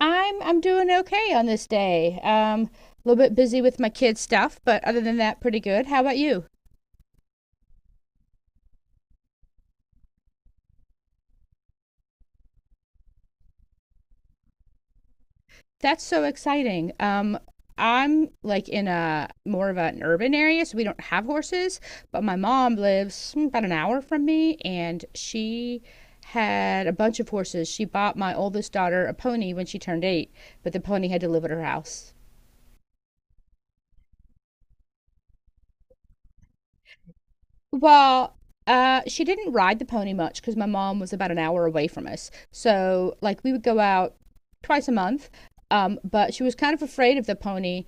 I'm doing okay on this day. A little bit busy with my kids stuff, but other than that, pretty good. How about you? That's so exciting. I'm like in a more of an urban area, so we don't have horses. But my mom lives about an hour from me, and she had a bunch of horses. She bought my oldest daughter a pony when she turned eight, but the pony had to live at her house. Well, she didn't ride the pony much because my mom was about an hour away from us. So, like, we would go out twice a month, but she was kind of afraid of the pony,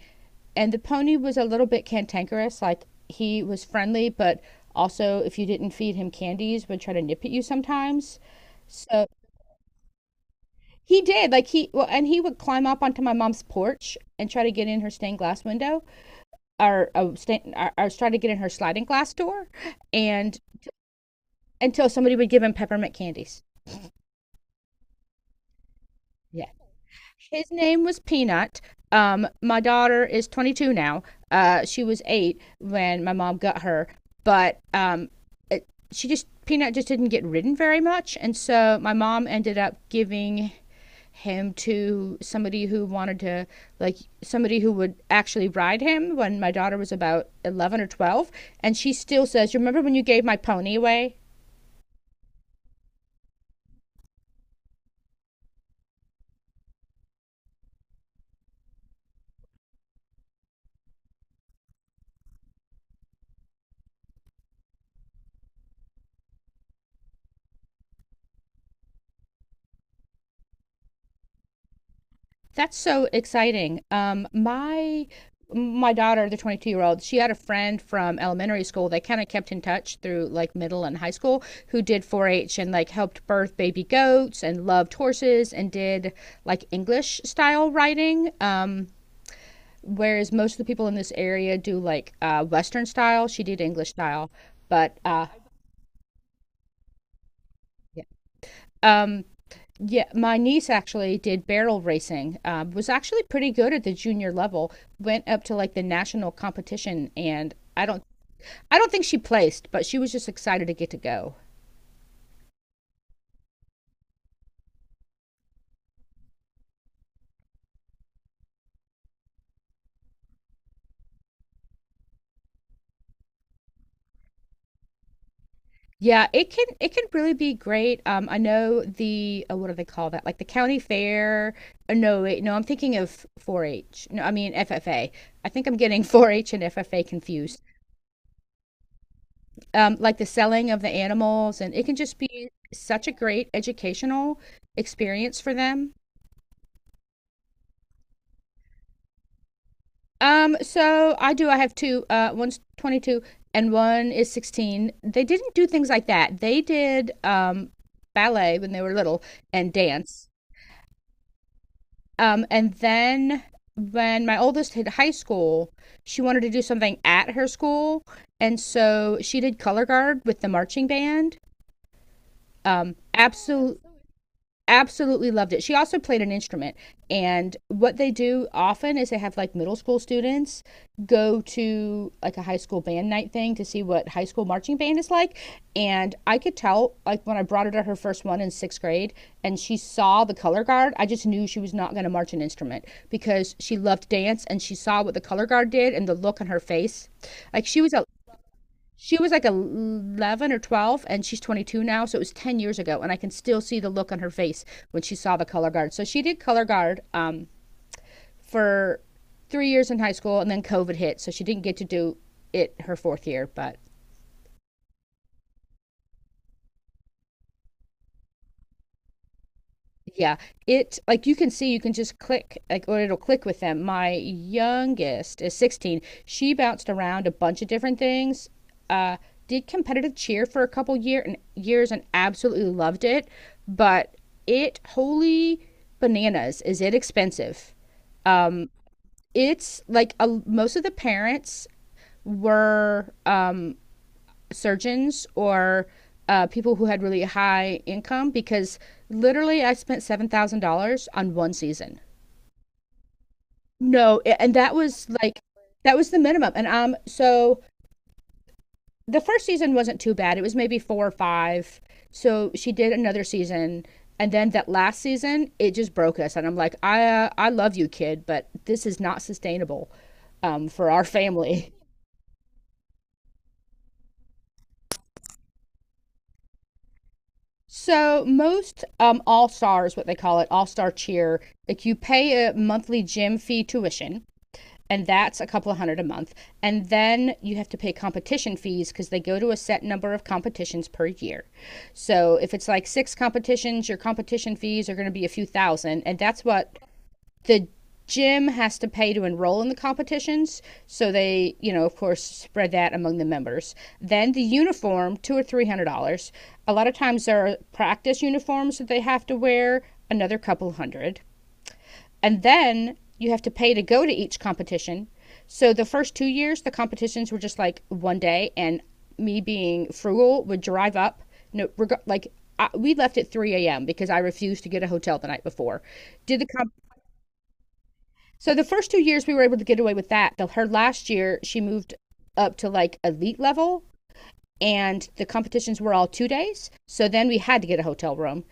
and the pony was a little bit cantankerous. Like, he was friendly, but also, if you didn't feed him candies, would try to nip at you sometimes. So he did, like and he would climb up onto my mom's porch and try to get in her stained glass window, or try to get in her sliding glass door, and until somebody would give him peppermint candies. Yeah. His name was Peanut. My daughter is 22 now. She was eight when my mom got her, but she just Peanut just didn't get ridden very much, and so my mom ended up giving him to somebody who wanted to like somebody who would actually ride him when my daughter was about 11 or 12. And she still says, "You remember when you gave my pony away?" That's so exciting. My daughter, the 22-year-old, she had a friend from elementary school. They kind of kept in touch through like middle and high school, who did 4 H and like helped birth baby goats and loved horses and did like English style writing. Whereas most of the people in this area do like Western style. She did English style. But yeah. um, Yeah, my niece actually did barrel racing. Was actually pretty good at the junior level. Went up to like the national competition, and I don't think she placed, but she was just excited to get to go. Yeah, it can really be great. I know the what do they call that? Like the county fair. No, wait, no, I'm thinking of 4-H. No, I mean FFA. I think I'm getting 4-H and FFA confused. Like the selling of the animals, and it can just be such a great educational experience for them. So I do. I have two. One's 22 and one is 16. They didn't do things like that. They did ballet when they were little and dance. And then when my oldest hit high school, she wanted to do something at her school. And so she did color guard with the marching band. Um, absolute absolutely loved it. She also played an instrument. And what they do often is they have like middle school students go to like a high school band night thing to see what high school marching band is like. And I could tell, like, when I brought her to her first one in sixth grade and she saw the color guard, I just knew she was not going to march an instrument because she loved dance and she saw what the color guard did and the look on her face. Like, she was like 11 or 12, and she's 22 now. So it was 10 years ago. And I can still see the look on her face when she saw the color guard. So she did color guard for 3 years in high school, and then COVID hit. So she didn't get to do it her fourth year. But yeah, it like you can see, you can just click, like, or it'll click with them. My youngest is 16. She bounced around a bunch of different things. Uh, did competitive cheer for a couple years and absolutely loved it, but it holy bananas is it expensive. Um, it's most of the parents were surgeons or people who had really high income because literally I spent $7,000 on one season. No, and that was the minimum. And so the first season wasn't too bad. It was maybe four or five. So she did another season, and then that last season it just broke us. And I'm like, I love you, kid, but this is not sustainable for our family. So most all stars, what they call it, all star cheer, like you pay a monthly gym fee tuition, and that's a couple of hundred a month, and then you have to pay competition fees because they go to a set number of competitions per year. So if it's like six competitions, your competition fees are going to be a few thousand, and that's what the gym has to pay to enroll in the competitions, so they of course spread that among the members. Then the uniform, two or three hundred dollars. A lot of times there are practice uniforms that they have to wear, another couple hundred. And then you have to pay to go to each competition. So the first 2 years, the competitions were just like 1 day, and me being frugal would drive up. No reg- Like, we left at 3 a.m because I refused to get a hotel the night before. Did the comp. So the first 2 years we were able to get away with that. Her last year, she moved up to like elite level, and the competitions were all 2 days. So then we had to get a hotel room,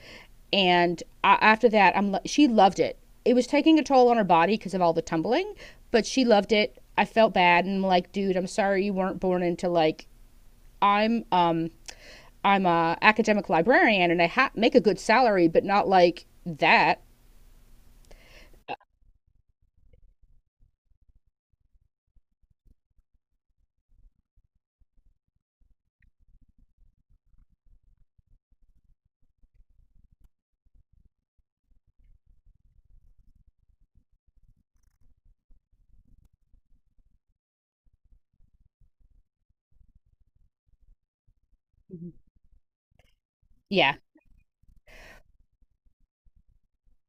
and after that, I'm she loved it. It was taking a toll on her body because of all the tumbling, but she loved it. I felt bad and I'm like, dude, I'm sorry you weren't born into like I'm um I'm a academic librarian and make a good salary, but not like that. Mm-hmm. Yeah,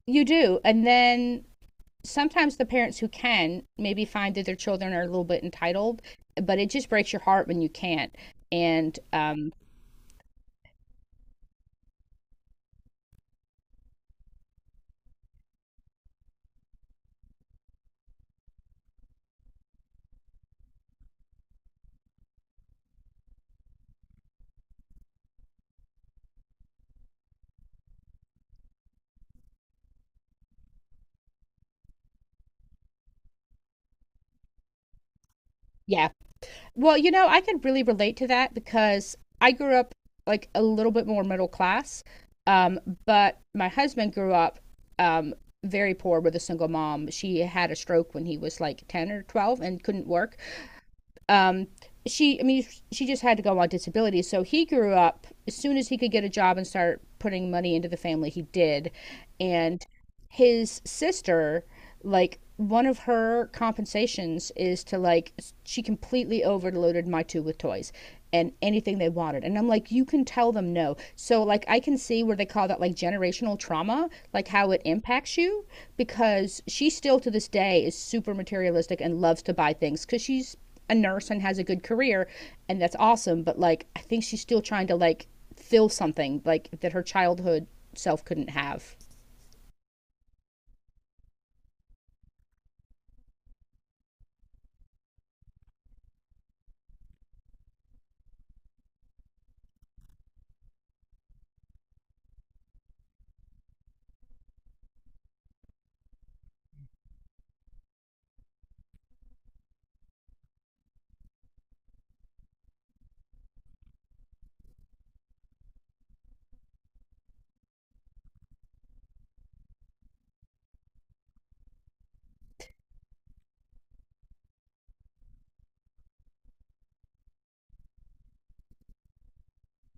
you do. And then sometimes the parents who can maybe find that their children are a little bit entitled, but it just breaks your heart when you can't. And yeah, well, I could really relate to that because I grew up like a little bit more middle class, um, but my husband grew up um, very poor with a single mom. She had a stroke when he was like 10 or 12 and couldn't work. Um, I mean, she just had to go on disability. So he grew up as soon as he could get a job and start putting money into the family, he did. And his sister, like, one of her compensations is to like she completely overloaded my two with toys and anything they wanted. And I'm like, "You can tell them no." So, like, I can see where they call that, like, generational trauma, like how it impacts you, because she still to this day is super materialistic and loves to buy things because she's a nurse and has a good career, and that's awesome. But, like, I think she's still trying to like fill something like that her childhood self couldn't have.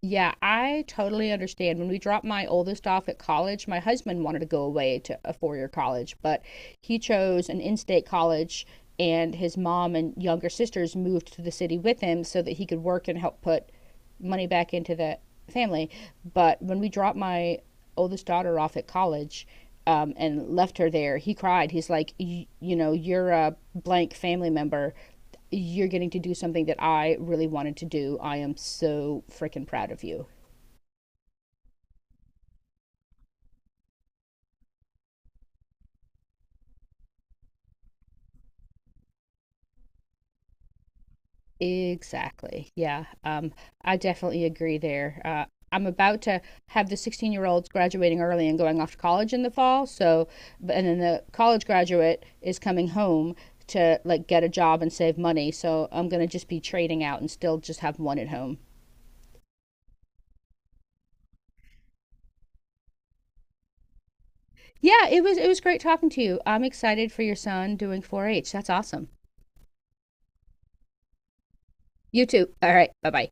Yeah, I totally understand. When we dropped my oldest off at college, my husband wanted to go away to a 4-year college, but he chose an in state college, and his mom and younger sisters moved to the city with him so that he could work and help put money back into the family. But when we dropped my oldest daughter off at college, and left her there, he cried. He's like, You know, you're a blank family member, you're getting to do something that I really wanted to do. I am so freaking proud of you." Exactly. Yeah. I definitely agree there. I'm about to have the 16-year-olds graduating early and going off to college in the fall. So, and then the college graduate is coming home to like get a job and save money. So I'm gonna just be trading out and still just have one at home. Yeah, it was great talking to you. I'm excited for your son doing 4-H. That's awesome. You too. All right. Bye bye.